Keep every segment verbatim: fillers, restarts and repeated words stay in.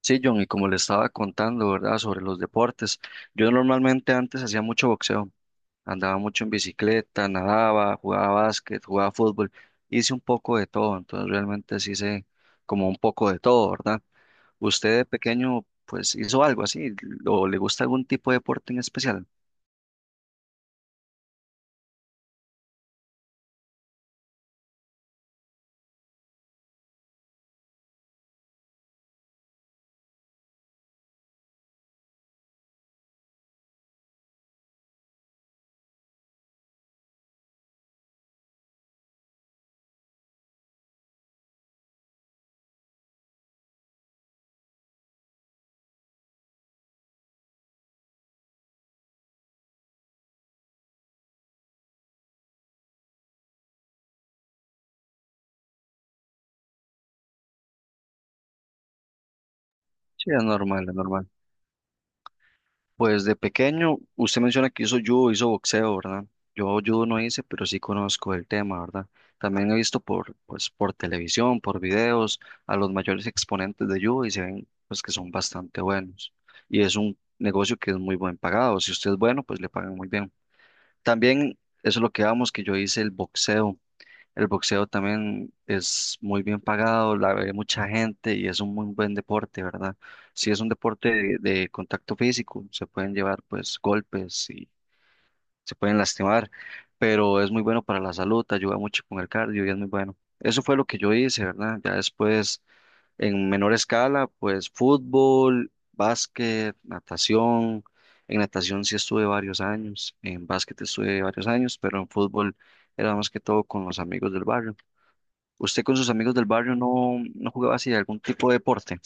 Sí, John, y como le estaba contando, ¿verdad? Sobre los deportes. Yo normalmente antes hacía mucho boxeo, andaba mucho en bicicleta, nadaba, jugaba básquet, jugaba fútbol, hice un poco de todo, entonces realmente sí sé como un poco de todo, ¿verdad? ¿Usted de pequeño pues hizo algo así o le gusta algún tipo de deporte en especial? Sí, es normal, es normal. Pues de pequeño, usted menciona que hizo judo, hizo boxeo, ¿verdad? Yo judo no hice, pero sí conozco el tema, ¿verdad? También he visto por, pues, por televisión, por videos, a los mayores exponentes de judo y se ven, pues, que son bastante buenos. Y es un negocio que es muy buen pagado. Si usted es bueno, pues le pagan muy bien. También eso es lo que vamos, que yo hice el boxeo. El boxeo también es muy bien pagado, la ve mucha gente y es un muy buen deporte, ¿verdad? Si es un deporte de, de contacto físico, se pueden llevar pues golpes y se pueden lastimar, pero es muy bueno para la salud, ayuda mucho con el cardio y es muy bueno. Eso fue lo que yo hice, ¿verdad? Ya después, en menor escala, pues fútbol, básquet, natación. En natación sí estuve varios años, en básquet estuve varios años, pero en fútbol era más que todo con los amigos del barrio. ¿Usted con sus amigos del barrio no, no jugaba así algún tipo de deporte?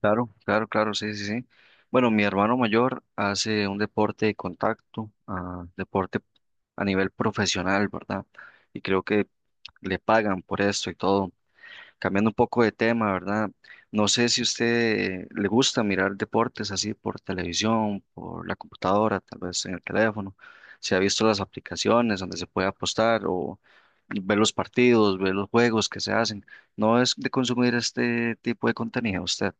Claro, claro, claro, sí, sí, sí. Bueno, mi hermano mayor hace un deporte de contacto, ah, deporte a nivel profesional, ¿verdad? Y creo que le pagan por esto y todo. Cambiando un poco de tema, ¿verdad? No sé si usted le gusta mirar deportes así por televisión, por la computadora, tal vez en el teléfono. Si ha visto las aplicaciones donde se puede apostar o ver los partidos, ver los juegos que se hacen. No es de consumir este tipo de contenido usted.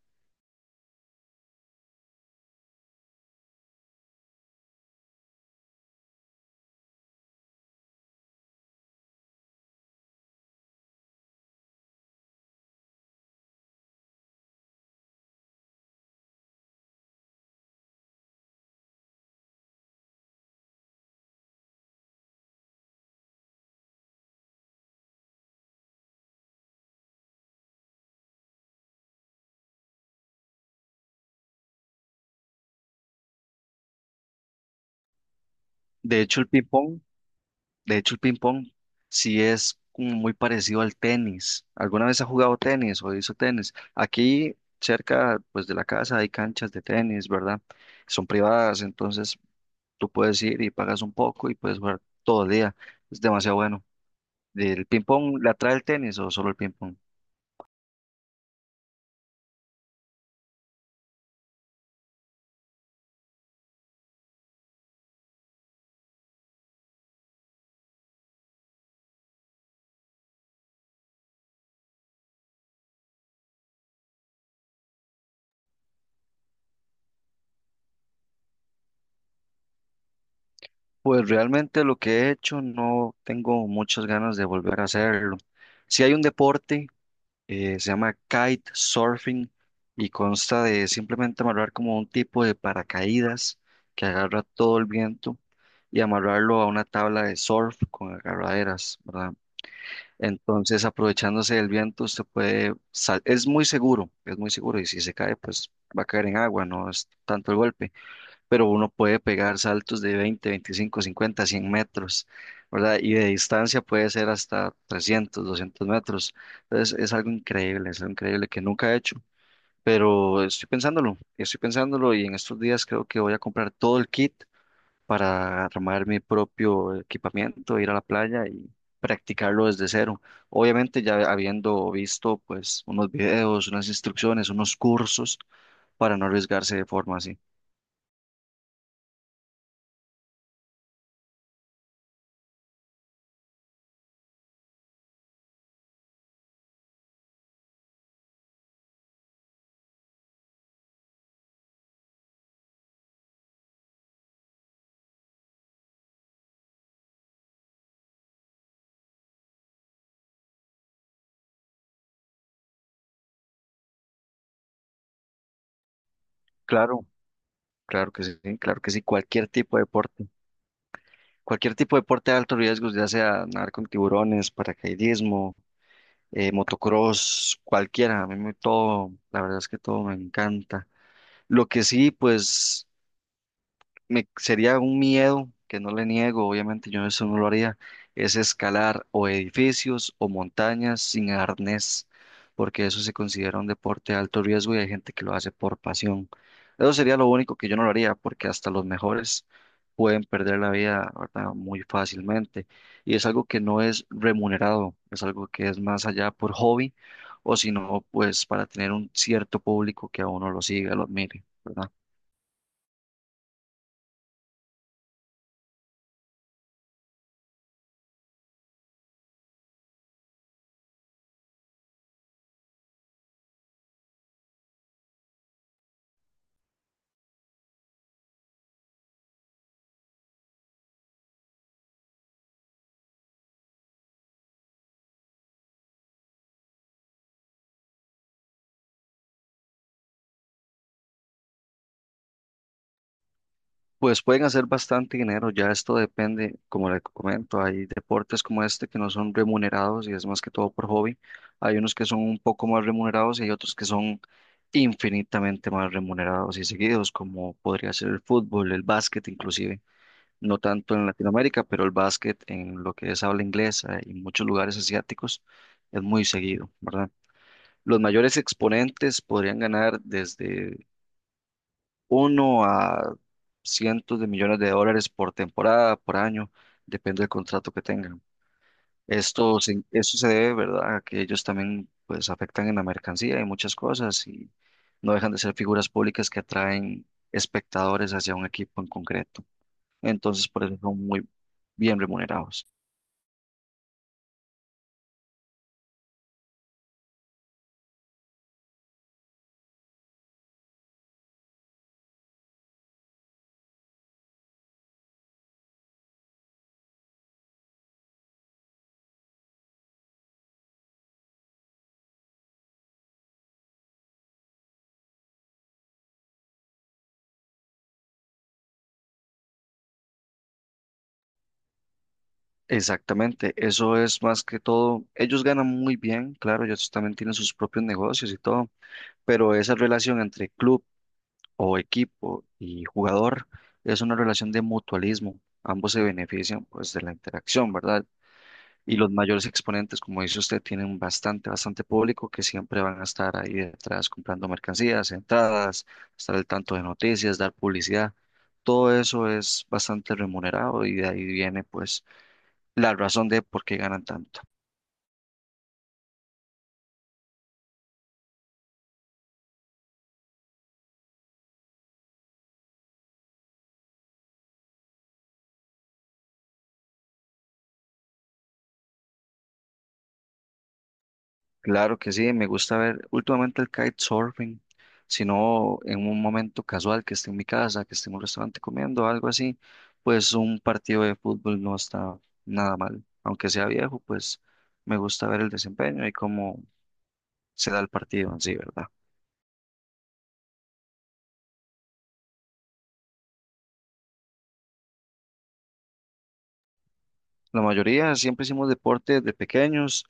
De hecho, el ping De hecho, el ping-pong sí es como muy parecido al tenis. ¿Alguna vez ha jugado tenis o hizo tenis? Aquí cerca, pues, de la casa hay canchas de tenis, ¿verdad? Son privadas, entonces tú puedes ir y pagas un poco y puedes jugar todo el día. Es demasiado bueno. ¿El ping-pong le atrae el tenis o solo el ping-pong? Pues realmente lo que he hecho no tengo muchas ganas de volver a hacerlo. Si hay un deporte eh, se llama kite surfing y consta de simplemente amarrar como un tipo de paracaídas que agarra todo el viento y amarrarlo a una tabla de surf con agarraderas, ¿verdad? Entonces, aprovechándose del viento, usted puede sal- es muy seguro, es muy seguro y si se cae, pues va a caer en agua, no es tanto el golpe, pero uno puede pegar saltos de veinte, veinticinco, cincuenta, cien metros, ¿verdad? Y de distancia puede ser hasta trescientos, doscientos metros. Entonces es algo increíble, es algo increíble que nunca he hecho, pero estoy pensándolo, estoy pensándolo y en estos días creo que voy a comprar todo el kit para armar mi propio equipamiento, ir a la playa y practicarlo desde cero. Obviamente ya habiendo visto pues unos videos, unas instrucciones, unos cursos para no arriesgarse de forma así. Claro, claro que sí, claro que sí, cualquier tipo de deporte, cualquier tipo de deporte de alto riesgo, ya sea nadar con tiburones, paracaidismo, eh, motocross, cualquiera, a mí me, todo, la verdad es que todo me encanta. Lo que sí, pues me sería un miedo que no le niego, obviamente yo eso no lo haría, es escalar o edificios o montañas sin arnés, porque eso se considera un deporte de alto riesgo y hay gente que lo hace por pasión. Eso sería lo único que yo no lo haría, porque hasta los mejores pueden perder la vida, ¿verdad? Muy fácilmente. Y es algo que no es remunerado, es algo que es más allá por hobby o si no, pues para tener un cierto público que a uno lo siga, lo admire, ¿verdad? Pues pueden hacer bastante dinero, ya esto depende, como le comento, hay deportes como este que no son remunerados y es más que todo por hobby. Hay unos que son un poco más remunerados y hay otros que son infinitamente más remunerados y seguidos, como podría ser el fútbol, el básquet inclusive, no tanto en Latinoamérica, pero el básquet en lo que es habla inglesa y muchos lugares asiáticos es muy seguido, ¿verdad? Los mayores exponentes podrían ganar desde uno a cientos de millones de dólares por temporada, por año, depende del contrato que tengan. Esto se, esto se debe, ¿verdad?, a que ellos también pues afectan en la mercancía y muchas cosas y no dejan de ser figuras públicas que atraen espectadores hacia un equipo en concreto. Entonces, por eso son muy bien remunerados. Exactamente, eso es más que todo. Ellos ganan muy bien, claro, ellos también tienen sus propios negocios y todo, pero esa relación entre club o equipo y jugador es una relación de mutualismo. Ambos se benefician pues de la interacción, ¿verdad? Y los mayores exponentes, como dice usted, tienen bastante, bastante público que siempre van a estar ahí detrás comprando mercancías, entradas, estar al tanto de noticias, dar publicidad. Todo eso es bastante remunerado y de ahí viene pues la razón de por qué ganan tanto. Claro que sí, me gusta ver últimamente el kitesurfing, sino en un momento casual que esté en mi casa, que esté en un restaurante comiendo, algo así, pues un partido de fútbol no está nada mal. Aunque sea viejo, pues me gusta ver el desempeño y cómo se da el partido en sí, ¿verdad? La mayoría siempre hicimos deporte de pequeños,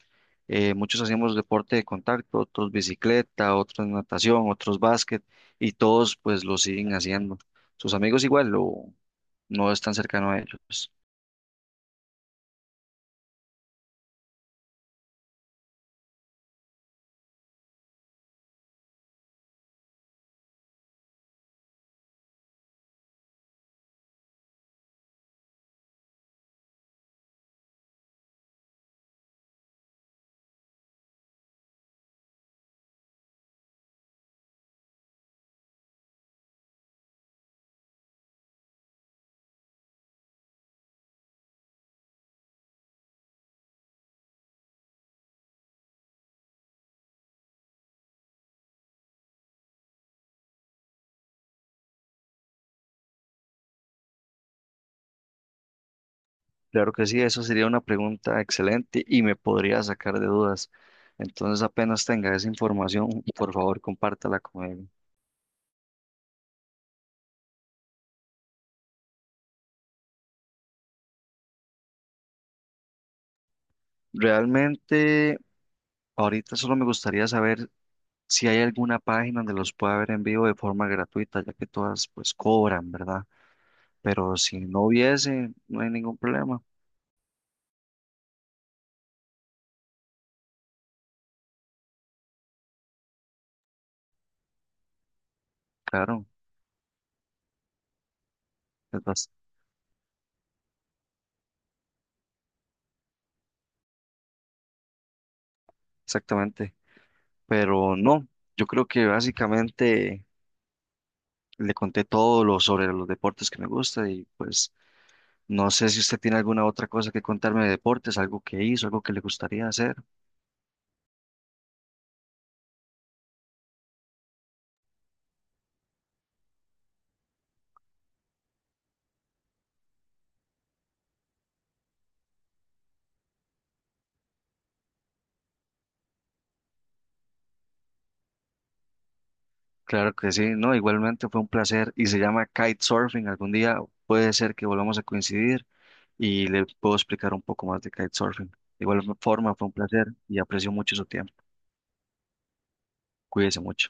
eh, muchos hacíamos deporte de contacto, otros bicicleta, otros natación, otros básquet, y todos pues lo siguen haciendo. ¿Sus amigos igual lo, no es tan cercano a ellos. Claro que sí, eso sería una pregunta excelente y me podría sacar de dudas. Entonces, apenas tenga esa información, por favor, compártala conmigo. Realmente, ahorita solo me gustaría saber si hay alguna página donde los pueda ver en vivo de forma gratuita, ya que todas pues cobran, ¿verdad? Pero si no hubiese, no hay ningún problema. Claro, es bas- exactamente. Pero no, yo creo que básicamente le conté todo lo sobre los deportes que me gusta y pues no sé si usted tiene alguna otra cosa que contarme de deportes, algo que hizo, algo que le gustaría hacer. Claro que sí, no, igualmente fue un placer y se llama kitesurfing. Algún día puede ser que volvamos a coincidir y le puedo explicar un poco más de kitesurfing. De igual forma, fue un placer y aprecio mucho su tiempo. Cuídese mucho.